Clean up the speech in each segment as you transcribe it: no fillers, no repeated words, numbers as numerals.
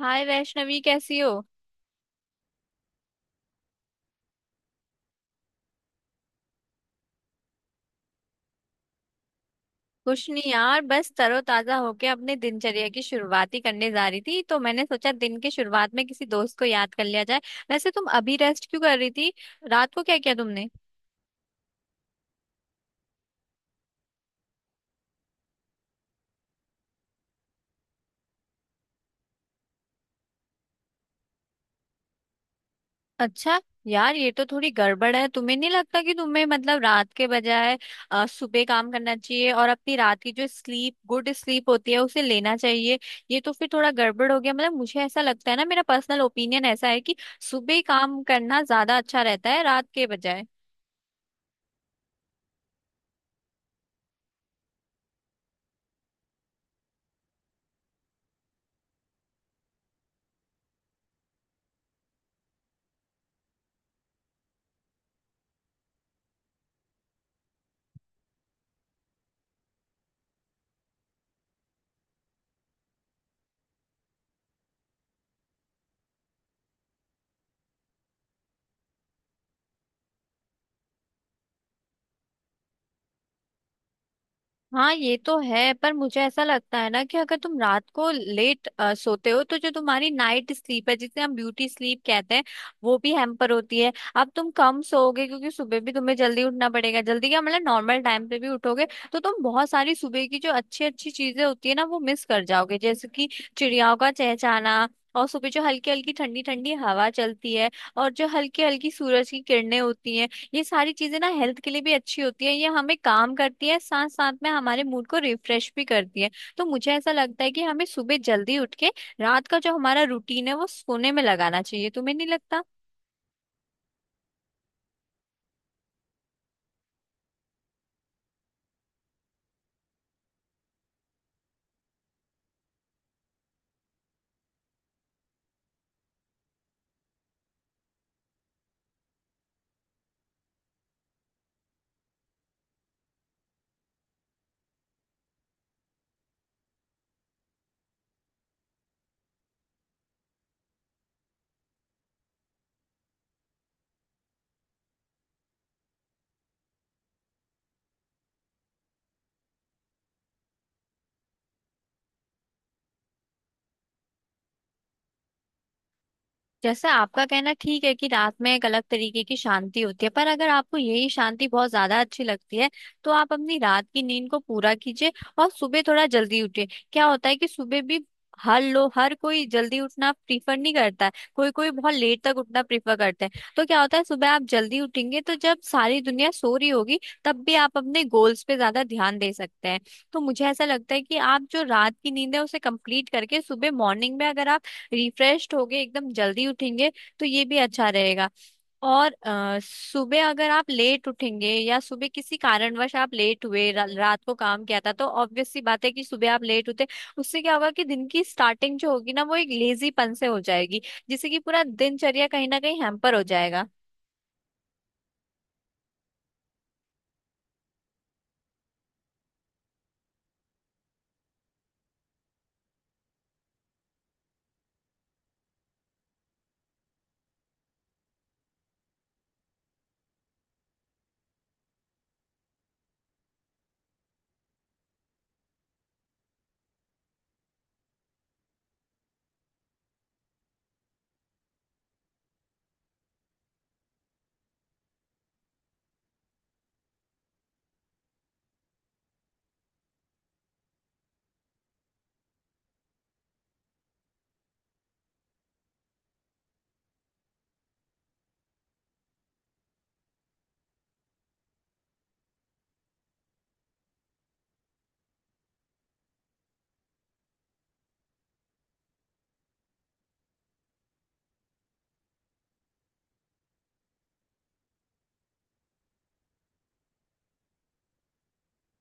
हाय वैष्णवी, कैसी हो। कुछ नहीं यार, बस तरोताजा होके अपने दिनचर्या की शुरुआत ही करने जा रही थी, तो मैंने सोचा दिन के शुरुआत में किसी दोस्त को याद कर लिया जाए। वैसे तुम अभी रेस्ट क्यों कर रही थी? रात को क्या किया तुमने? अच्छा यार, ये तो थोड़ी गड़बड़ है। तुम्हें नहीं लगता कि तुम्हें मतलब रात के बजाय सुबह काम करना चाहिए, और अपनी रात की जो स्लीप, गुड स्लीप होती है उसे लेना चाहिए। ये तो फिर थोड़ा गड़बड़ हो गया। मतलब मुझे ऐसा लगता है ना, मेरा पर्सनल ओपिनियन ऐसा है कि सुबह काम करना ज्यादा अच्छा रहता है रात के बजाय। हाँ ये तो है, पर मुझे ऐसा लगता है ना कि अगर तुम रात को लेट सोते हो, तो जो तुम्हारी नाइट स्लीप है, जिसे हम ब्यूटी स्लीप कहते हैं, वो भी हैम्पर होती है। अब तुम कम सोओगे क्योंकि सुबह भी तुम्हें जल्दी उठना पड़ेगा। जल्दी क्या मतलब, नॉर्मल टाइम पे भी उठोगे, तो तुम बहुत सारी सुबह की जो अच्छी अच्छी चीजें होती है ना, वो मिस कर जाओगे। जैसे कि चिड़ियाओं का चहचहाना, और सुबह जो हल्की हल्की ठंडी ठंडी हवा चलती है, और जो हल्की हल्की सूरज की किरणें होती हैं, ये सारी चीजें ना हेल्थ के लिए भी अच्छी होती है। ये हमें काम करती है, साथ साथ में हमारे मूड को रिफ्रेश भी करती है। तो मुझे ऐसा लगता है कि हमें सुबह जल्दी उठ के रात का जो हमारा रूटीन है वो सोने में लगाना चाहिए। तुम्हें नहीं लगता? जैसे आपका कहना ठीक है कि रात में एक अलग तरीके की शांति होती है, पर अगर आपको यही शांति बहुत ज्यादा अच्छी लगती है, तो आप अपनी रात की नींद को पूरा कीजिए और सुबह थोड़ा जल्दी उठिए। क्या होता है कि सुबह भी, हर लो, हर कोई जल्दी उठना प्रीफर नहीं करता है। कोई कोई बहुत लेट तक उठना प्रीफर करते हैं। तो क्या होता है, सुबह आप जल्दी उठेंगे तो जब सारी दुनिया सो रही होगी, तब भी आप अपने गोल्स पे ज्यादा ध्यान दे सकते हैं। तो मुझे ऐसा लगता है कि आप जो रात की नींद है उसे कंप्लीट करके सुबह मॉर्निंग में अगर आप रिफ्रेश्ड होगे, एकदम जल्दी उठेंगे, तो ये भी अच्छा रहेगा। और सुबह अगर आप लेट उठेंगे, या सुबह किसी कारणवश आप लेट हुए, रात को काम किया था, तो ऑब्वियस सी बात है कि सुबह आप लेट उठे। उससे क्या होगा कि दिन की स्टार्टिंग जो होगी ना, वो एक लेजीपन से हो जाएगी, जिससे कि पूरा दिनचर्या कहीं ना कहीं हैम्पर हो जाएगा।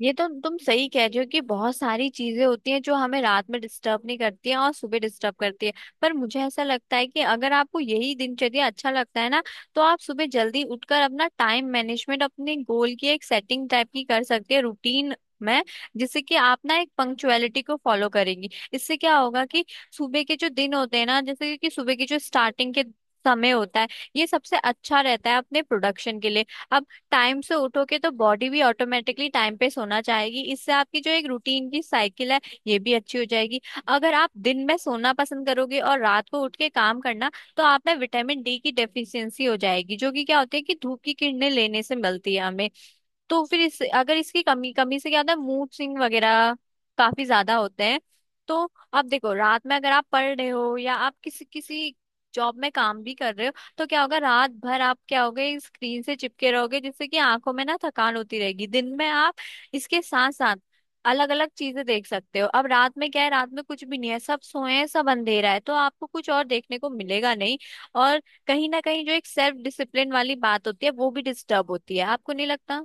ये तो तुम सही कह रही हो कि बहुत सारी चीजें होती हैं जो हमें रात में डिस्टर्ब नहीं करती हैं, और सुबह डिस्टर्ब करती है। पर मुझे ऐसा लगता है कि अगर आपको यही दिनचर्या अच्छा लगता है ना, तो आप सुबह जल्दी उठकर अपना टाइम मैनेजमेंट, अपने गोल की एक सेटिंग टाइप की कर सकते हैं रूटीन में, जिससे कि आप ना एक पंक्चुअलिटी को फॉलो करेंगी। इससे क्या होगा कि सुबह के जो दिन होते हैं ना, जैसे कि सुबह की जो स्टार्टिंग के समय होता है, ये सबसे अच्छा रहता है अपने प्रोडक्शन के लिए। अब टाइम से उठोगे तो बॉडी भी ऑटोमेटिकली टाइम पे सोना चाहेगी। इससे आपकी जो एक रूटीन की साइकिल है, ये भी अच्छी हो जाएगी। अगर आप दिन में सोना पसंद करोगे और रात को उठ के काम करना, तो आप में विटामिन डी की डेफिशिएंसी हो जाएगी, जो कि क्या होती है कि धूप की किरणें लेने से मिलती है हमें। तो फिर इस, अगर इसकी कमी कमी से क्या होता है, मूड स्विंग वगैरह काफी ज्यादा होते हैं। तो अब देखो, रात में अगर आप पढ़ रहे हो या आप किसी किसी जॉब में काम भी कर रहे हो, तो क्या होगा, रात भर आप क्या होगे, स्क्रीन से चिपके रहोगे, जिससे कि आंखों में ना थकान होती रहेगी। दिन में आप इसके साथ साथ अलग अलग चीजें देख सकते हो। अब रात में क्या है, रात में कुछ भी नहीं है, सब सोए हैं, सब अंधेरा है, तो आपको कुछ और देखने को मिलेगा नहीं। और कहीं ना कहीं जो एक सेल्फ डिसिप्लिन वाली बात होती है, वो भी डिस्टर्ब होती है। आपको नहीं लगता?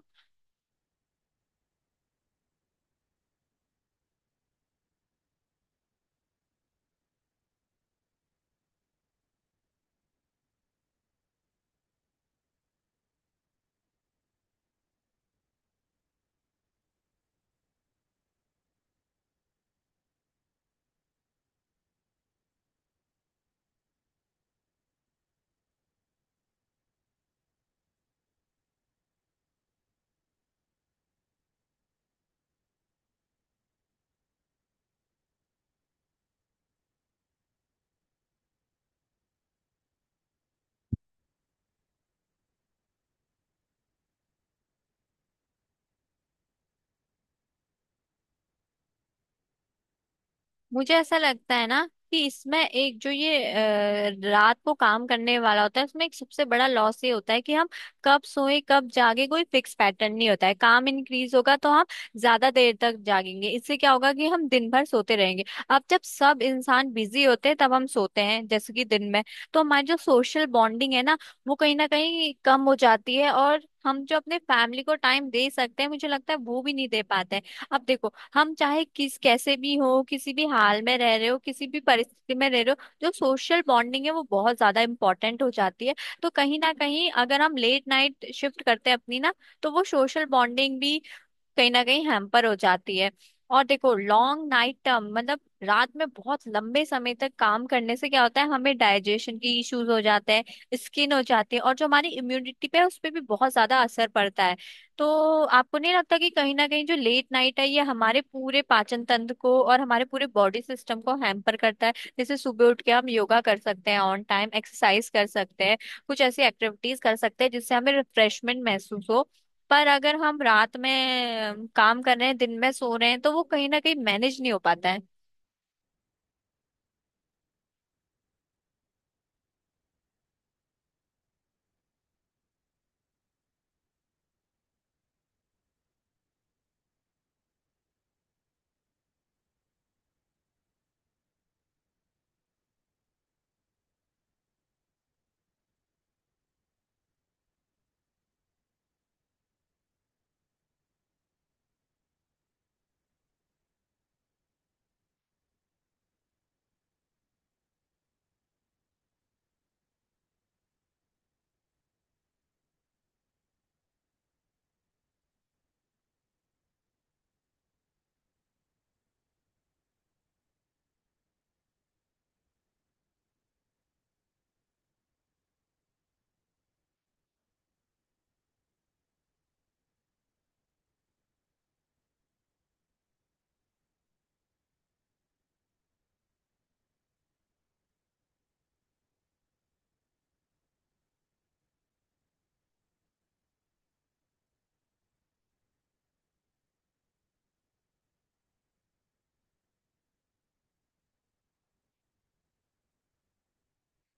मुझे ऐसा लगता है ना कि इसमें एक जो ये रात को काम करने वाला होता है, उसमें एक सबसे बड़ा लॉस ये होता है कि हम कब सोए कब जागे, कोई फिक्स पैटर्न नहीं होता है। काम इंक्रीज होगा तो हम ज्यादा देर तक जागेंगे। इससे क्या होगा कि हम दिन भर सोते रहेंगे। अब जब सब इंसान बिजी होते हैं तब हम सोते हैं, जैसे कि दिन में। तो हमारी जो सोशल बॉन्डिंग है ना, वो कहीं ना कहीं कम हो जाती है, और हम जो अपने फैमिली को टाइम दे सकते हैं, मुझे लगता है वो भी नहीं दे पाते हैं। अब देखो, हम चाहे किस कैसे भी हो, किसी भी हाल में रह रहे हो, किसी भी परिस्थिति में रह रहे हो, जो सोशल बॉन्डिंग है वो बहुत ज्यादा इंपॉर्टेंट हो जाती है। तो कहीं ना कहीं अगर हम लेट नाइट शिफ्ट करते हैं अपनी ना, तो वो सोशल बॉन्डिंग भी कहीं ना कहीं हैम्पर हो जाती है। और देखो, लॉन्ग नाइट टर्म मतलब रात में बहुत लंबे समय तक काम करने से क्या होता है, हमें डाइजेशन की इश्यूज हो जाते हैं, स्किन हो जाती है, और जो हमारी इम्यूनिटी पे है उस पे भी बहुत ज्यादा असर पड़ता है। तो आपको नहीं लगता कि कहीं ना कहीं जो लेट नाइट है, ये हमारे पूरे पाचन तंत्र को और हमारे पूरे बॉडी सिस्टम को हैम्पर करता है। जैसे सुबह उठ के हम योगा कर सकते हैं, ऑन टाइम एक्सरसाइज कर सकते हैं, कुछ ऐसी एक्टिविटीज कर सकते हैं जिससे हमें रिफ्रेशमेंट महसूस हो। पर अगर हम रात में काम कर रहे हैं, दिन में सो रहे हैं, तो वो कहीं ना कहीं मैनेज नहीं हो पाता है।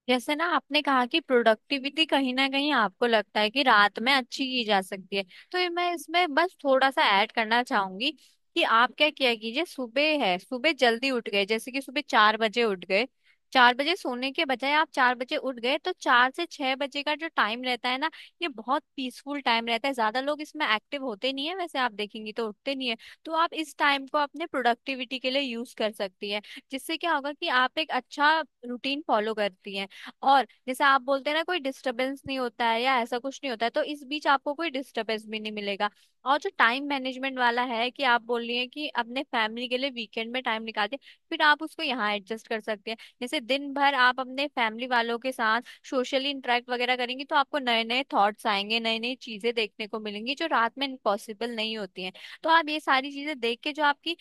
जैसे ना आपने कहा कि प्रोडक्टिविटी कहीं ना कहीं आपको लगता है कि रात में अच्छी की जा सकती है, तो ये मैं इसमें बस थोड़ा सा ऐड करना चाहूंगी कि आप क्या किया कीजिए, सुबह है, सुबह जल्दी उठ गए, जैसे कि सुबह 4 बजे उठ गए। चार बजे सोने के बजाय आप 4 बजे उठ गए, तो 4 से 6 बजे का जो टाइम रहता है ना, ये बहुत पीसफुल टाइम रहता है। ज्यादा लोग इसमें एक्टिव होते नहीं है, वैसे आप देखेंगी तो उठते नहीं है। तो आप इस टाइम को अपने प्रोडक्टिविटी के लिए यूज कर सकती है। जिससे क्या होगा कि आप एक अच्छा रूटीन फॉलो करती हैं। और जैसे आप बोलते हैं ना, कोई डिस्टरबेंस नहीं होता है या ऐसा कुछ नहीं होता है, तो इस बीच आपको कोई डिस्टरबेंस भी नहीं मिलेगा। और जो टाइम मैनेजमेंट वाला है, कि आप बोल रही हैं कि अपने फैमिली के लिए वीकेंड में टाइम निकालते हैं, फिर आप उसको यहाँ एडजस्ट कर सकते हैं। जैसे दिन भर आप अपने फैमिली वालों के साथ सोशली इंटरेक्ट वगैरह करेंगी, तो आपको नए नए थॉट्स आएंगे, नई नई चीजें देखने को मिलेंगी, जो रात में पॉसिबल नहीं होती हैं। तो आप ये सारी चीजें देख के, जो आपकी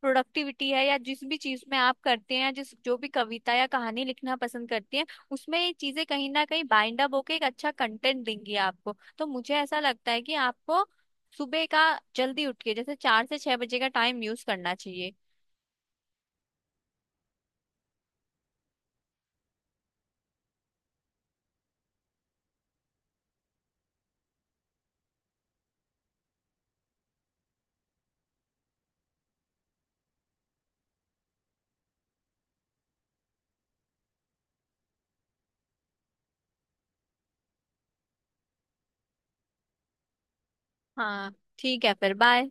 प्रोडक्टिविटी है, या जिस भी चीज में आप करते हैं, या जिस जो भी कविता या कहानी लिखना पसंद करते हैं, उसमें ये चीजें कहीं ना कहीं बाइंड अप होके एक अच्छा कंटेंट देंगी आपको। तो मुझे ऐसा लगता है कि आपको सुबह का, जल्दी उठ के, जैसे 4 से 6 बजे का टाइम यूज करना चाहिए। हाँ, ठीक है फिर, बाय।